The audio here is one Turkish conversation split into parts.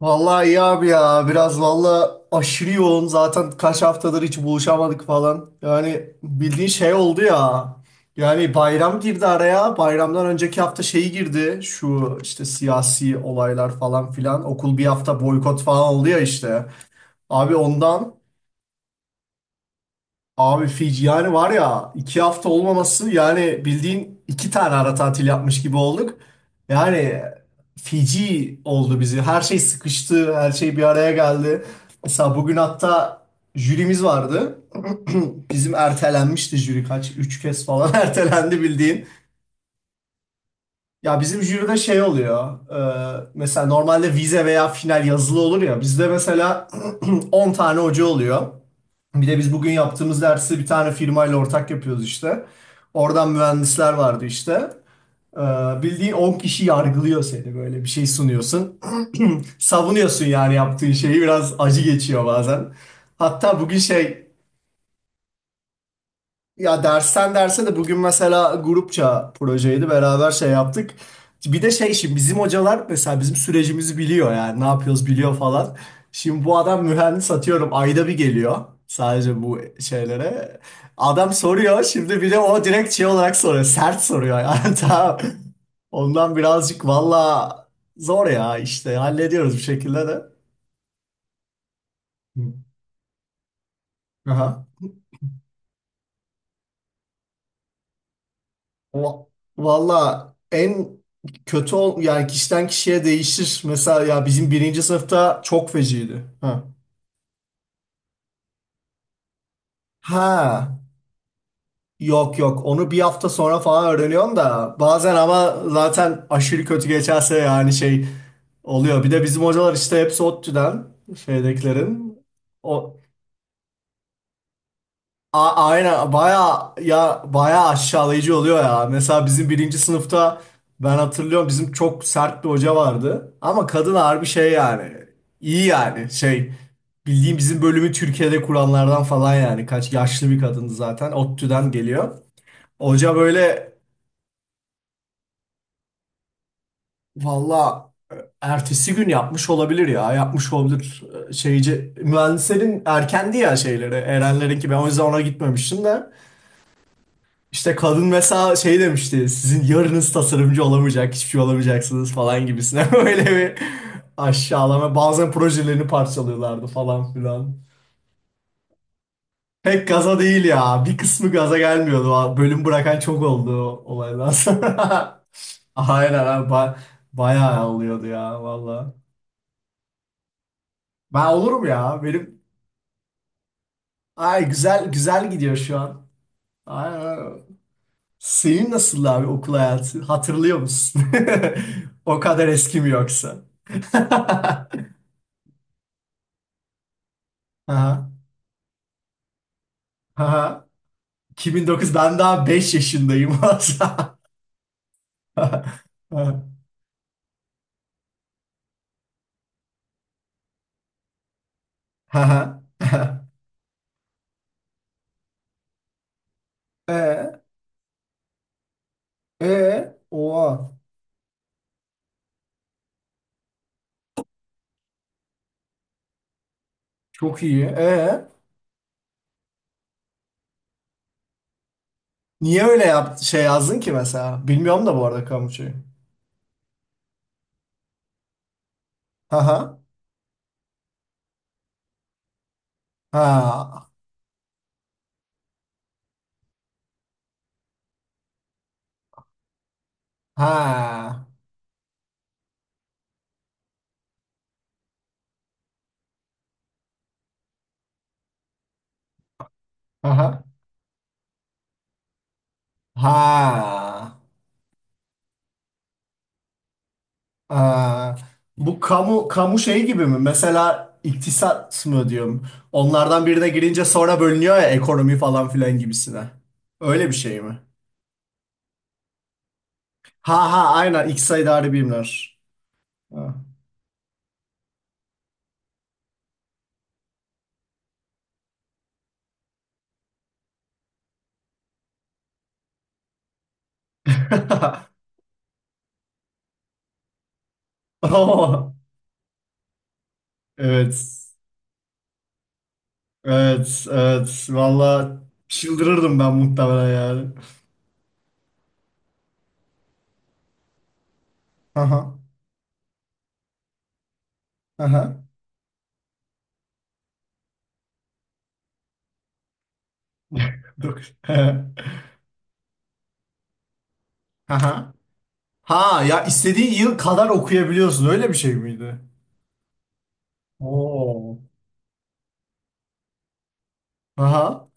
Vallahi iyi abi ya. Biraz vallahi aşırı yoğun. Zaten kaç haftadır hiç buluşamadık falan. Yani bildiğin şey oldu ya. Yani bayram girdi araya. Bayramdan önceki hafta şeyi girdi. Şu işte siyasi olaylar falan filan. Okul bir hafta boykot falan oldu ya işte. Abi ondan Abi Fiji yani var ya iki hafta olmaması yani bildiğin iki tane ara tatil yapmış gibi olduk. Yani Fiji oldu bizi. Her şey sıkıştı. Her şey bir araya geldi. Mesela bugün hatta jürimiz vardı. Bizim ertelenmişti jüri kaç? Üç kez falan ertelendi bildiğin. Ya bizim jüride şey oluyor. Mesela normalde vize veya final yazılı olur ya. Bizde mesela 10 tane hoca oluyor. Bir de biz bugün yaptığımız dersi bir tane firmayla ortak yapıyoruz işte. Oradan mühendisler vardı işte. Ee, Bildiğin 10 kişi yargılıyor seni, böyle bir şey sunuyorsun. Savunuyorsun yani yaptığın şeyi, biraz acı geçiyor bazen. Hatta bugün şey ya dersten derse de bugün mesela grupça projeydi, beraber şey yaptık. Bir de şey, şimdi bizim hocalar mesela bizim sürecimizi biliyor yani ne yapıyoruz biliyor falan. Şimdi bu adam mühendis, atıyorum ayda bir geliyor sadece bu şeylere. Adam soruyor şimdi, bir de o direkt şey olarak soruyor, sert soruyor yani tamam. Ondan birazcık valla zor ya, işte hallediyoruz bir şekilde de. Hı. Aha. Va- Valla en kötü ol yani kişiden kişiye değişir. Mesela ya bizim birinci sınıfta çok feciydi. Ha. Ha. Yok yok, onu bir hafta sonra falan öğreniyorsun da bazen, ama zaten aşırı kötü geçerse yani şey oluyor. Bir de bizim hocalar işte hepsi ODTÜ'den şeydekilerin. O, aynen baya ya baya aşağılayıcı oluyor ya. Mesela bizim birinci sınıfta ben hatırlıyorum, bizim çok sert bir hoca vardı. Ama kadın harbi şey yani iyi yani şey, bildiğim bizim bölümü Türkiye'de kuranlardan falan yani, kaç yaşlı bir kadındı zaten, ODTÜ'den geliyor. Hoca böyle valla ertesi gün yapmış olabilir ya, yapmış olabilir şeyci mühendislerin erkendi ya şeyleri, Erenlerinki ben o yüzden ona gitmemiştim de. İşte kadın mesela şey demişti. Sizin yarınız tasarımcı olamayacak, hiçbir şey olamayacaksınız falan gibisine. Öyle bir aşağılama. Bazen projelerini parçalıyorlardı falan filan. Pek gaza değil ya. Bir kısmı gaza gelmiyordu. Bölüm bırakan çok oldu o olaydan sonra. Aynen abi. Bayağı oluyordu ya valla. Ben olurum ya. Benim ay güzel güzel gidiyor şu an. Ay, senin nasıl abi okul hayatı? Hatırlıyor musun? O kadar eski mi yoksa? Aha, aha. 2009 ben daha 5 yaşındayım. Haha, aha. Aha. E, e, oha. Çok iyi. E, niye öyle yap şey yazdın ki mesela? Bilmiyorum da bu arada kamuçayı. Aha. Ha. Ha. Aha. Ha. Aa, bu kamu şey gibi mi? Mesela iktisat mı diyorum? Onlardan birine girince sonra bölünüyor ya ekonomi falan filan gibisine. Öyle bir şey mi? Ha ha aynen İktisat İdari Bilimler. Ha. Oo, evet. Evet, evet. Valla çıldırırdım ben muhtemelen yani. Aha, aha. Yok. Aha. Ha ya istediğin yıl kadar okuyabiliyorsun. Öyle bir şey miydi? Oo. Aha.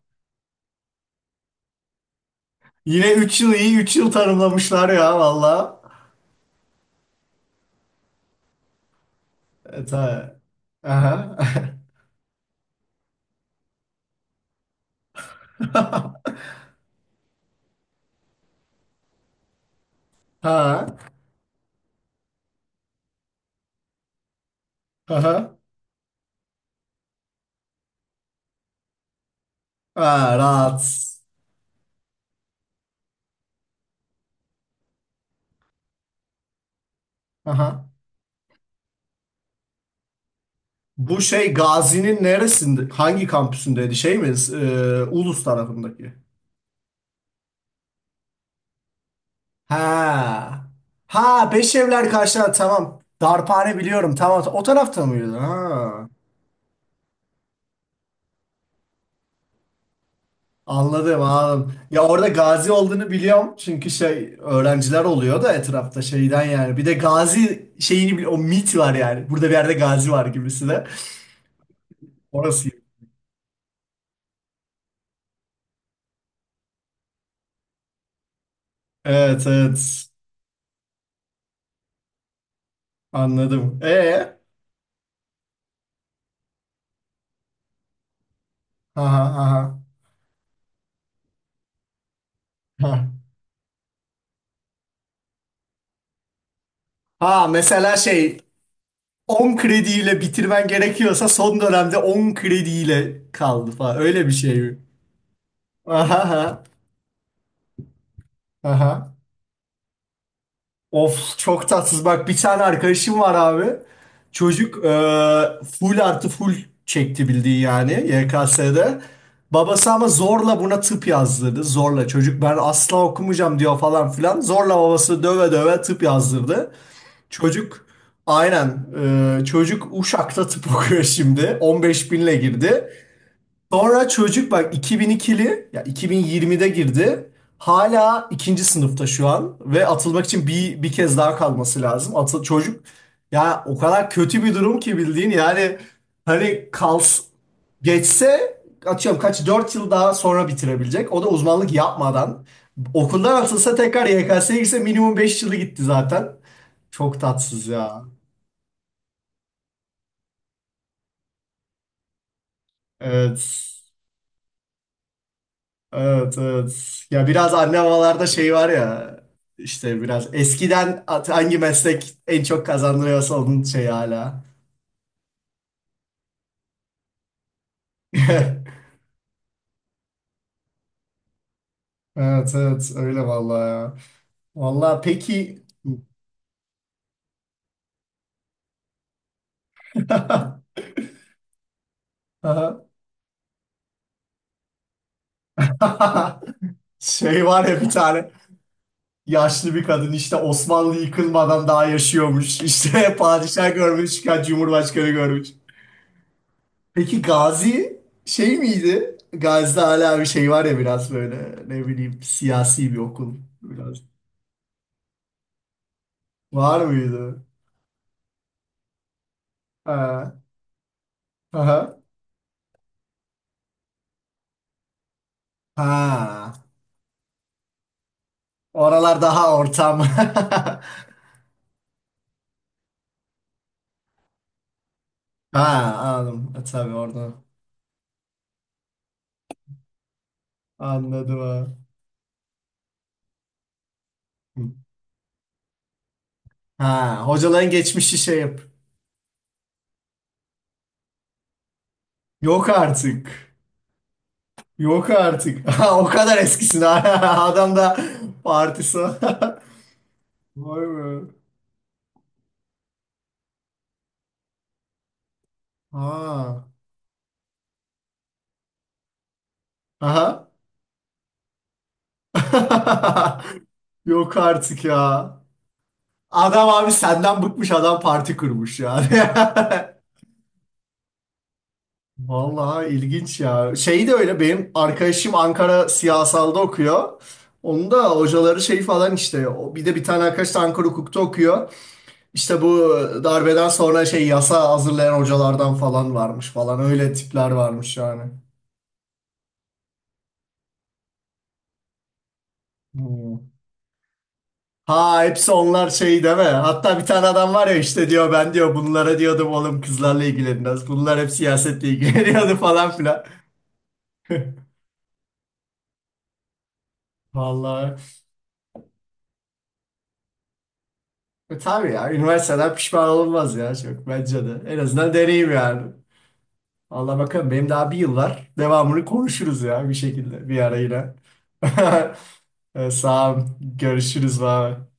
Yine 3 yıl iyi, 3 yıl tarımlamışlar ya valla. Evet ha. Aha. Ha. Aha. Ha, rahat. Aha. Bu şey Gazi'nin neresinde? Hangi kampüsündeydi? Şey mi? Ulus tarafındaki. Ha. Ha, Beşevler karşılar, tamam. Darphane biliyorum. Tamam. O tarafta mıydı? Ha. Anladım, anladım. Ya orada gazi olduğunu biliyorum. Çünkü şey öğrenciler oluyor da etrafta, şeyden yani. Bir de gazi şeyini o mit var yani. Burada bir yerde gazi var gibisi de. Orası. Evet, evet. Anladım. E, aha, aha. Ha. Ha, mesela şey, 10 krediyle bitirmen gerekiyorsa son dönemde 10 krediyle kaldı falan. Öyle bir şey mi? Aha, aha. Aha. Of, çok tatsız. Bak bir tane arkadaşım var abi. Çocuk full artı full çekti bildiği yani, YKS'de. Babası ama zorla buna tıp yazdırdı. Zorla, çocuk ben asla okumayacağım diyor falan filan. Zorla babası döve döve tıp yazdırdı. Çocuk aynen, çocuk Uşak'ta tıp okuyor şimdi. 15 binle girdi. Sonra çocuk bak 2002'li ya 2020'de girdi. Hala ikinci sınıfta şu an ve atılmak için bir kez daha kalması lazım. Atıl çocuk ya o kadar kötü bir durum ki bildiğin yani, hani geçse, atıyorum kaç 4 yıl daha sonra bitirebilecek. O da uzmanlık yapmadan okuldan atılsa, tekrar YKS'ye girse minimum 5 yılı gitti zaten. Çok tatsız ya. Evet. Evet, evet. Ya biraz anne babalarda şey var ya işte, biraz eskiden hangi meslek en çok kazandırıyorsa onun şey hala. Evet, evet. Öyle vallahi ya. Vallahi peki aha. Şey var ya, bir tane yaşlı bir kadın işte Osmanlı yıkılmadan daha yaşıyormuş. İşte padişah görmüş, kaç cumhurbaşkanı görmüş. Peki Gazi şey miydi? Gazi'de hala bir şey var ya, biraz böyle ne bileyim siyasi bir okul biraz. Var mıydı? Ha. Aha. Ha. Oralar daha ortam. Ha anladım. E, tabii oradan. Anladım ha. Ha, hocaların geçmişi şey yap. Yok artık. Yok artık. Ha, o kadar eskisin. Adam da partisi. Vay be. Ha. Aha. Yok artık ya. Adam abi senden bıkmış, adam parti kurmuş yani. Vallahi ilginç ya. Şey de öyle, benim arkadaşım Ankara siyasalda okuyor. Onun da hocaları şey falan işte. O- Bir de bir tane arkadaş da Ankara hukukta okuyor. İşte bu darbeden sonra şey, yasa hazırlayan hocalardan falan varmış falan. Öyle tipler varmış yani. Hmm. Ha hepsi onlar şey değil mi? Hatta bir tane adam var ya, işte diyor ben diyor bunlara diyordum oğlum kızlarla ilgilenmez. Bunlar hep siyasetle ilgileniyordu falan filan. Vallahi. E, tabii ya üniversiteden pişman olunmaz ya çok bence de. En azından deneyim yani. Allah bakalım, benim daha bir yıl var. Devamını konuşuruz ya bir şekilde bir ara yine. E, sağ ol. Görüşürüz abi.